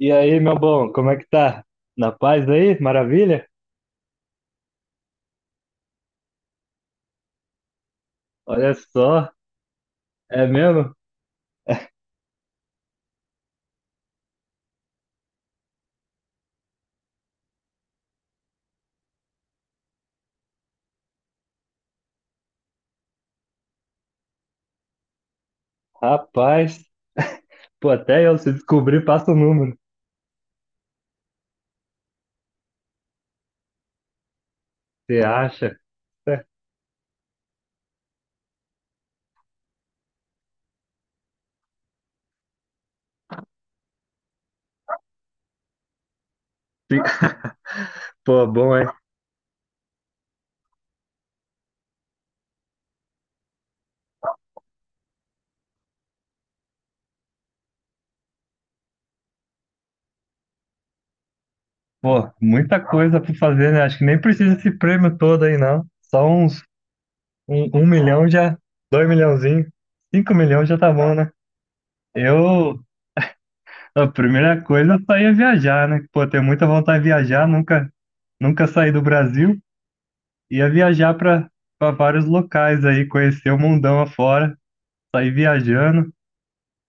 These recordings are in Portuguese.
E aí, meu bom, como é que tá? Na paz aí? Maravilha? Olha só, é mesmo? Rapaz, pô, até eu se descobrir, passa o número. Você acha? É. Sim. Pô, bom, hein? Pô, muita coisa pra fazer, né? Acho que nem precisa esse prêmio todo aí, não. Só uns um milhão já, dois milhãozinho, 5 milhões já tá bom, né? Eu, a primeira coisa, eu só ia viajar, né? Pô, tenho muita vontade de viajar, nunca saí do Brasil. Ia viajar para vários locais aí, conhecer o mundão afora, sair viajando,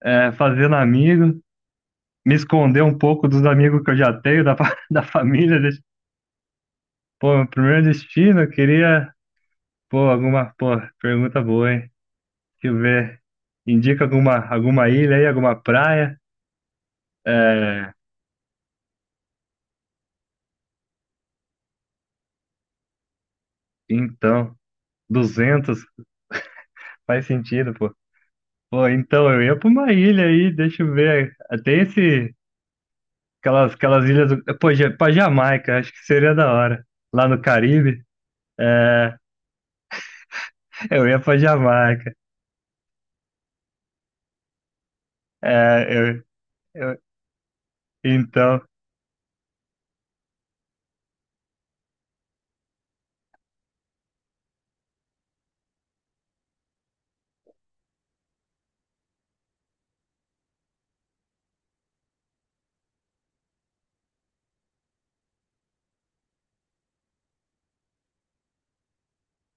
é, fazendo amigos, me esconder um pouco dos amigos que eu já tenho, da família. Pô, meu primeiro destino, eu queria. Pô, alguma. Pô, pergunta boa, hein? Deixa eu ver. Indica alguma ilha aí, alguma praia? É, então, 200 faz sentido, pô. Pô, então eu ia para uma ilha aí, deixa eu ver. Tem esse. Aquelas ilhas do. Pô, pra Jamaica, acho que seria da hora. Lá no Caribe, é, eu ia pra Jamaica. É, eu, eu- então,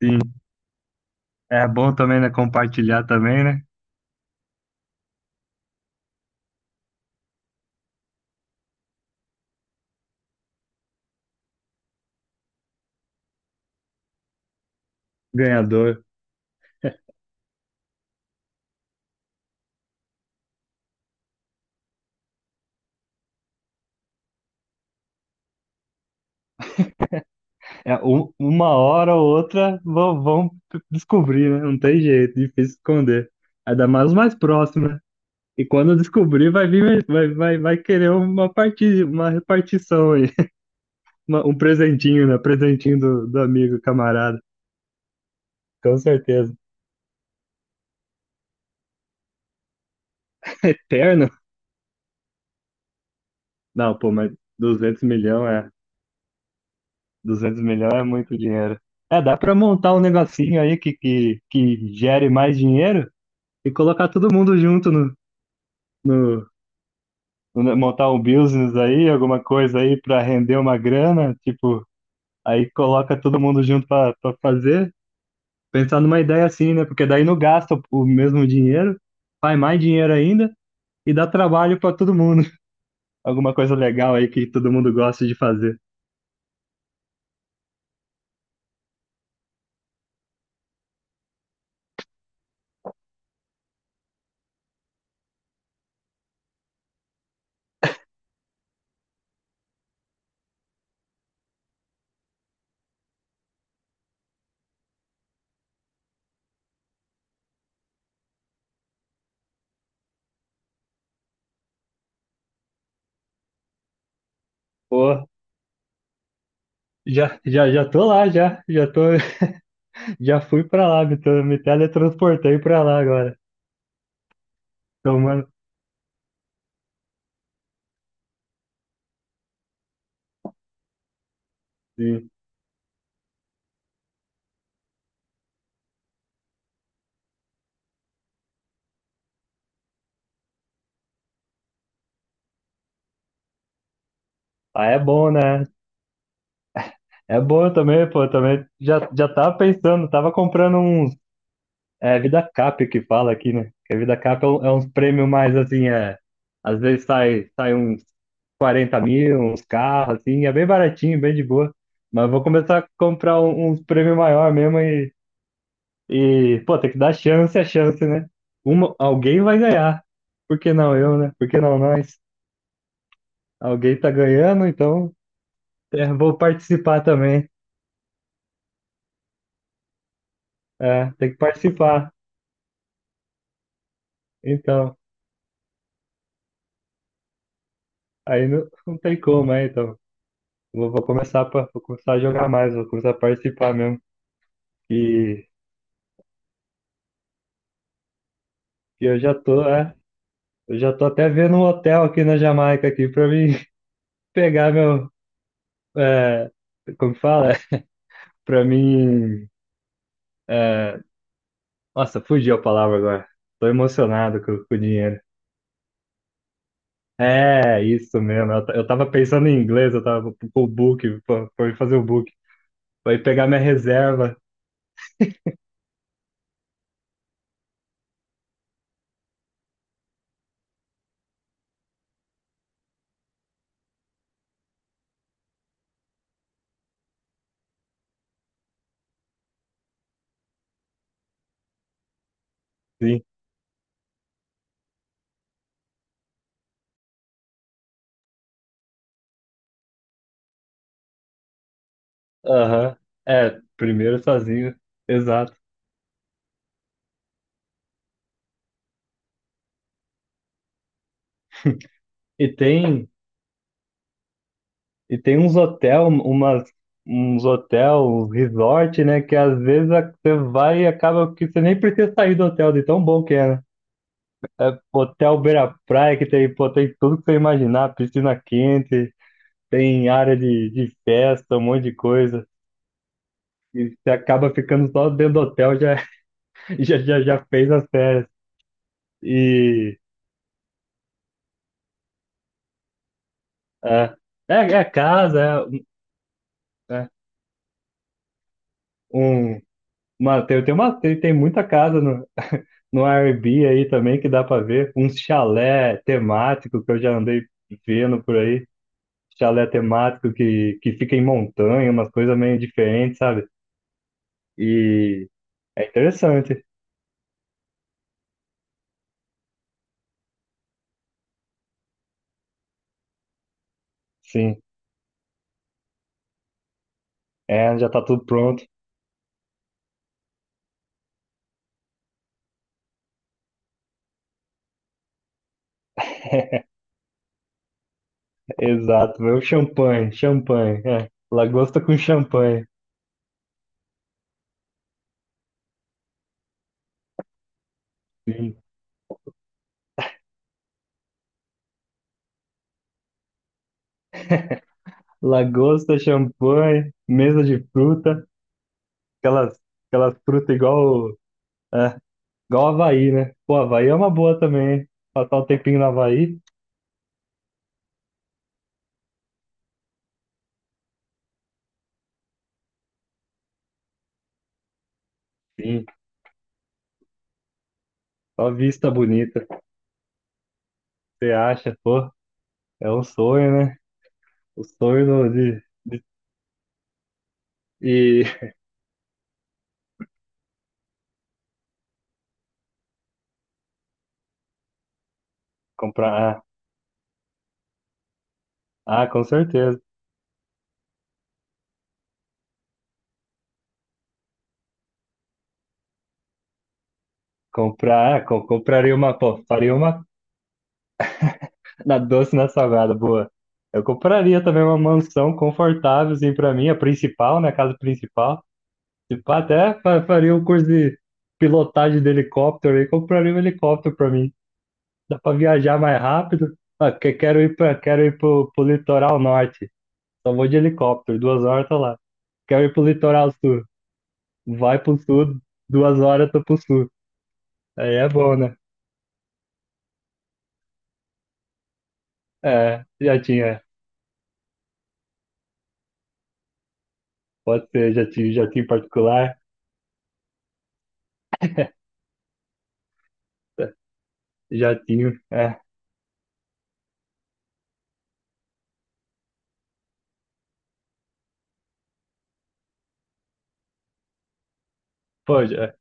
sim. É bom também, né? Compartilhar também, né? Ganhador. É, uma hora ou outra vão descobrir, né? Não tem jeito, difícil esconder. Ainda mais o mais próximo, né? E quando descobrir, vai vir, vai querer uma parti, uma repartição aí. Um presentinho, né? Presentinho do amigo, camarada. Com certeza. Terno? Não, pô, mas duzentos milhões é, 200 milhões é muito dinheiro. É, dá pra montar um negocinho aí que gere mais dinheiro e colocar todo mundo junto no, no montar um business aí, alguma coisa aí pra render uma grana, tipo, aí coloca todo mundo junto pra fazer. Pensar numa ideia assim, né? Porque daí não gasta o mesmo dinheiro, faz mais dinheiro ainda e dá trabalho pra todo mundo. Alguma coisa legal aí que todo mundo gosta de fazer. Pô, já, já, já tô lá, já tô, já fui pra lá, me teletransportei pra lá agora, tomando, sim. Ah, é bom, né? É bom também, pô, também, já tava pensando, tava comprando uns, é, Vida Cap que fala aqui, né? Que a Vida Cap é, é uns prêmios mais, assim, é, às vezes sai uns 40 mil, uns carros, assim, é bem baratinho, bem de boa, mas vou começar a comprar uns prêmios maior mesmo. E, pô, tem que dar chance a chance, né? Uma, alguém vai ganhar. Por que não eu, né? Por que não nós? Alguém tá ganhando, então é, vou participar também. É, tem que participar. Então, aí não, não tem como, é, então. Vou começar pra, vou começar a jogar mais, vou começar a participar mesmo. E, e eu já tô, é, eu já tô até vendo um hotel aqui na Jamaica aqui pra mim pegar meu, é, como que fala? Pra mim, é, nossa, fugiu a palavra agora. Tô emocionado com o dinheiro. É, isso mesmo. Eu, eu tava pensando em inglês, eu tava com o book, pra eu fazer o book. Pra ir pegar minha reserva, sim. Aham. É, primeiro sozinho. Exato. E tem, e tem uns hotel, umas, uns hotel, uns resort, né? Que às vezes você vai e acaba que você nem precisa sair do hotel, de tão bom que é, né? Hotel Beira Praia, que tem, pô, tem tudo que você imaginar, piscina quente. Tem área de festa, um monte de coisa. E você acaba ficando só dentro do hotel, já, já fez as férias. E é, é casa, é um, uma, tem, tem, uma, tem muita casa no Airbnb aí também que dá pra ver. Um chalé temático que eu já andei vendo por aí. Chalé temático que fica em montanha, umas coisas meio diferentes, sabe? E é interessante, sim. É, já tá tudo pronto. Exato, meu champanhe, champanhe, é. Lagosta com champanhe, sim. Lagosta, champanhe, mesa de fruta, aquelas, aquelas frutas igual, é, igual Havaí, né? Pô, Havaí é uma boa também, hein? Passar um tempinho no Havaí, sim. Só vista bonita, você acha, pô, é um sonho, né? O sonho do- de, e comprar, ah, ah, com certeza. Comprar, compraria uma, pô, faria uma. Na doce, na salgada, boa. Eu compraria também uma mansão confortável, assim, pra mim, a principal, né? A casa principal. Se pá, até faria um curso de pilotagem de helicóptero aí, compraria um helicóptero pra mim. Dá pra viajar mais rápido. Ah, quero ir pra, quero ir pro, pro litoral norte. Só vou de helicóptero, 2 horas tô lá. Quero ir pro litoral sul. Vai pro sul, 2 horas tô pro sul. Aí é bom, né? É, já tinha. Pode ser, já tinha particular. Jatinho, é. Pô,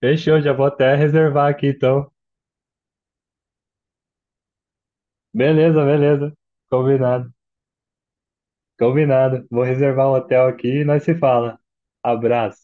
fechou, já vou até reservar aqui então. Beleza, beleza. Combinado, combinado. Vou reservar o hotel aqui e nós se fala. Abraço.